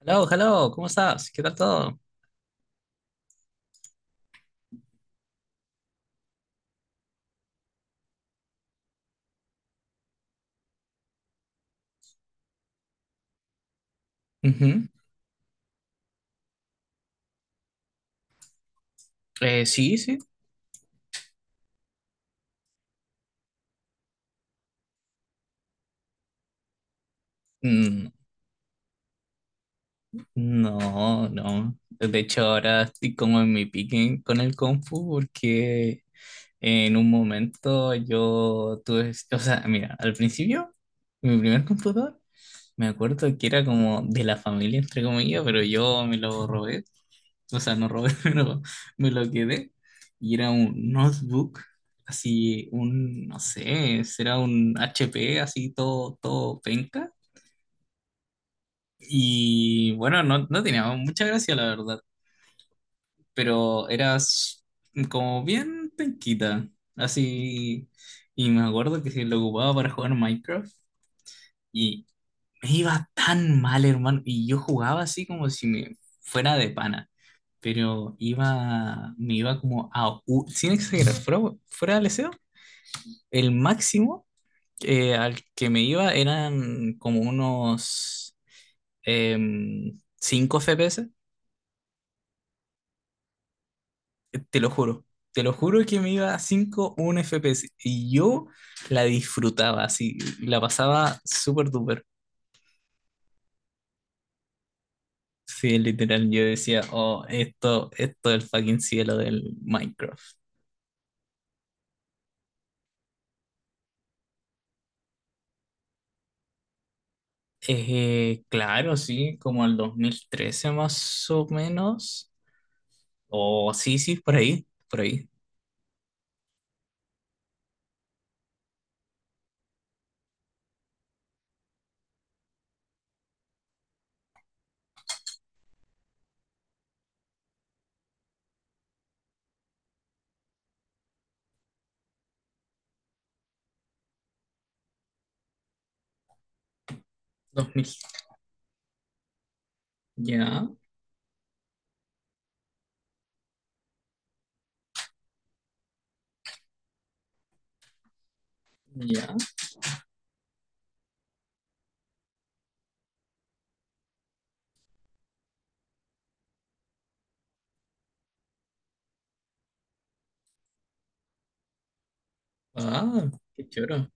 Hello, hello, ¿cómo estás? ¿Qué tal todo? Ujú. Sí, sí. Mm, no, no. De hecho, ahora estoy como en mi pique con el Kung Fu porque en un momento yo tuve, o sea, mira, al principio, mi primer computador. Me acuerdo que era como de la familia, entre comillas, pero yo me lo robé. O sea, no robé, pero me lo quedé. Y era un notebook, así, un, no sé, será un HP, así, todo, todo penca. Y bueno, no, no tenía mucha gracia, la verdad, pero era como bien penquita, así. Y me acuerdo que se lo ocupaba para jugar Minecraft. Y me iba tan mal, hermano. Y yo jugaba así como si me fuera de pana. Pero me iba como sin exagerar, fuera del deseo, el máximo al que me iba eran como unos em, 5 FPS. Te lo juro. Te lo juro que me iba a 5, 1 FPS. Y yo la disfrutaba así. La pasaba súper duper. Sí, literal, yo decía, oh, esto es el fucking cielo del Minecraft. Claro, sí, como el 2013 más o menos. O sí, sí, por ahí, por ahí. 2000. Ya, ya. Ah, qué choro.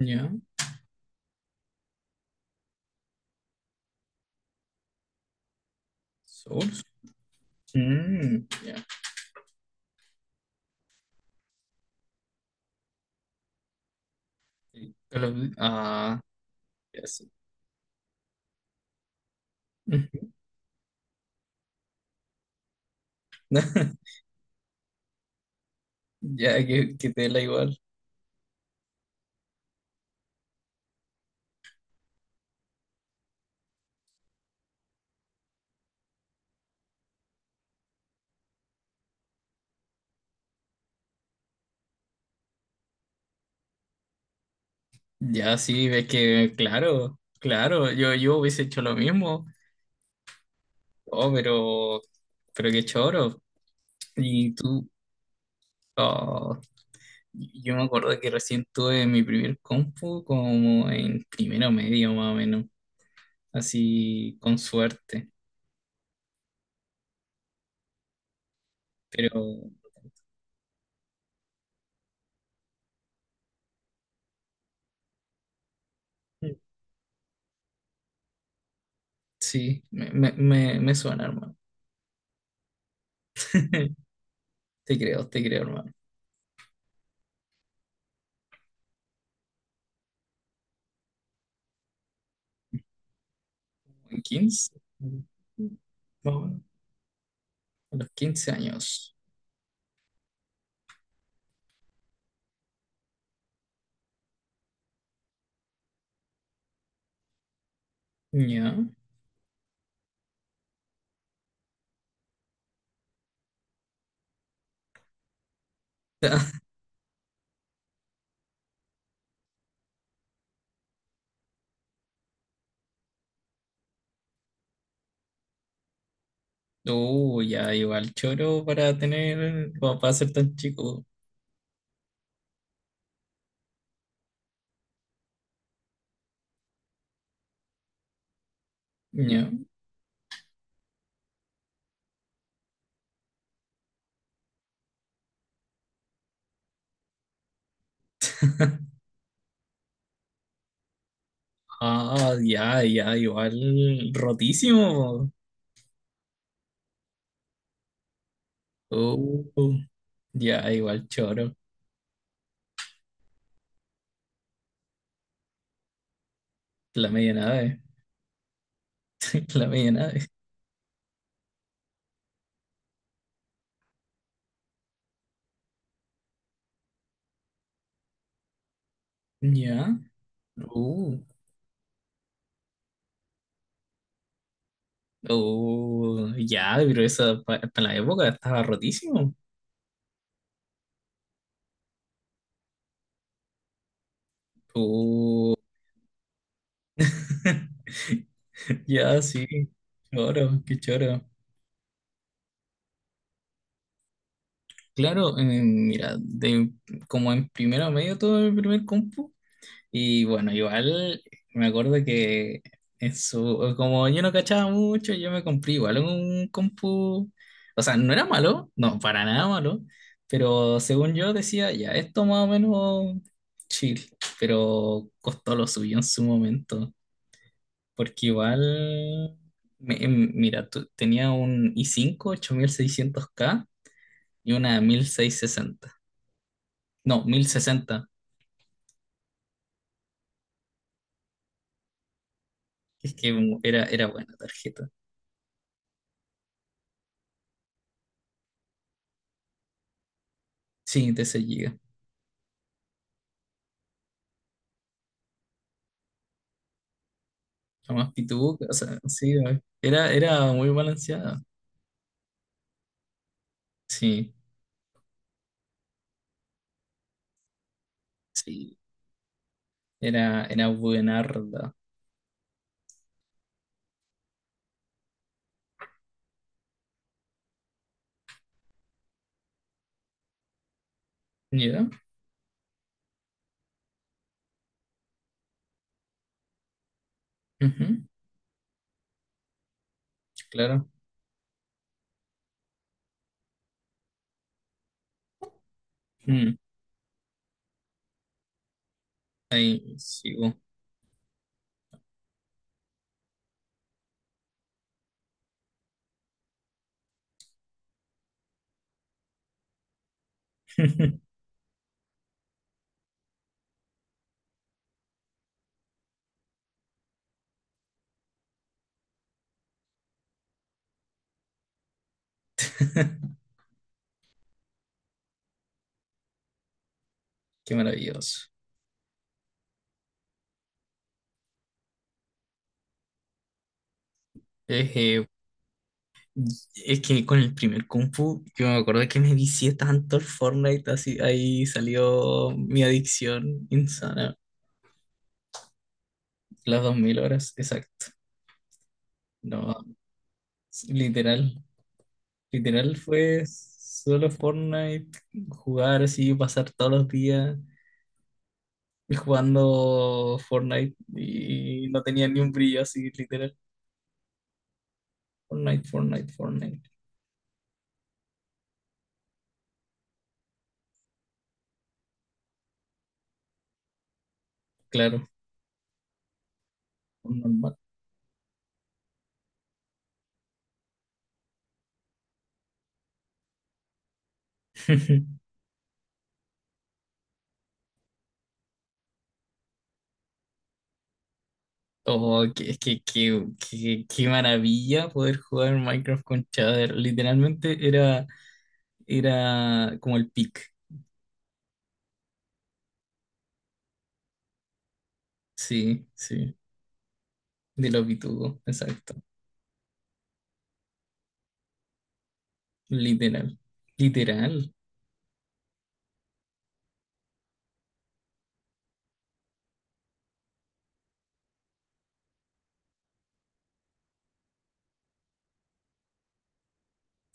Ya. Source. Mm, ya. Sí, Call of Duty. Ah, ya sí. Ya, que te da igual. Ya sí, ves que, claro, claro, yo hubiese hecho lo mismo. Oh, pero qué choro. Y tú, ah yo me acuerdo que recién tuve mi primer compu como en primero medio más o menos, así con suerte. Pero sí, me suena, hermano. Te creo, hermano. ¿En 15 Más o menos. A los 15 años. Ya. Ya, igual choro para tener, para ser tan chico. Ya. Ah, ya, ya, igual rotísimo. Oh, ya, igual choro. La media nave. La media nave. Ya. Uh, oh, ya, pero esa para la época estaba rotísimo. Uh, ya, sí. Choro, qué choro. Claro, mira, como en primero medio todo el primer compu. Y bueno, igual me acuerdo que como yo no cachaba mucho, yo me compré igual un compu. O sea, no era malo, no, para nada malo, pero según yo decía, ya, esto más o menos chill, pero costó lo suyo en su momento, porque igual, mira, tenía un i5 600K y una 1660, no, 1060. Es que era, era buena tarjeta, sí, de 6. Jamás pituca, o sea, sí, güey. Era, era muy balanceada. Sí, sí. Era, era buenarda. ¿Ya? Ujú. Claro. Mm, Ahí sigo. Qué maravilloso. Es, eh, es que con el primer Kung Fu, yo me acuerdo que me vicié tanto el Fortnite, así, ahí salió mi adicción insana. Las 2000 horas, exacto. No, literal. Literal fue solo Fortnite, jugar así, pasar todos los días jugando Fortnite y no tenía ni un brillo así, literal. Fortnite, Fortnite, Fortnite. Claro, normal. Oh, es que qué maravilla poder jugar Minecraft con Chadder. Literalmente era, era como el pick. Sí, sí. De lo pitudo, exacto. Literal. Literal.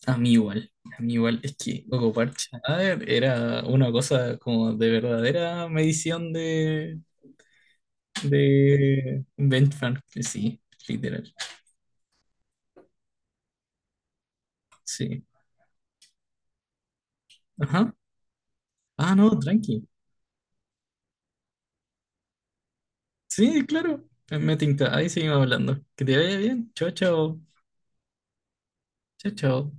A mí igual, a mí igual, es que ocupar Chadaver era una cosa como de verdadera medición de benchmark, sí, literal, sí. Ajá. Ah, no, tranqui. Sí, claro. Me tinca, ahí seguimos hablando. Que te vaya bien, chao, chao, chao, chao.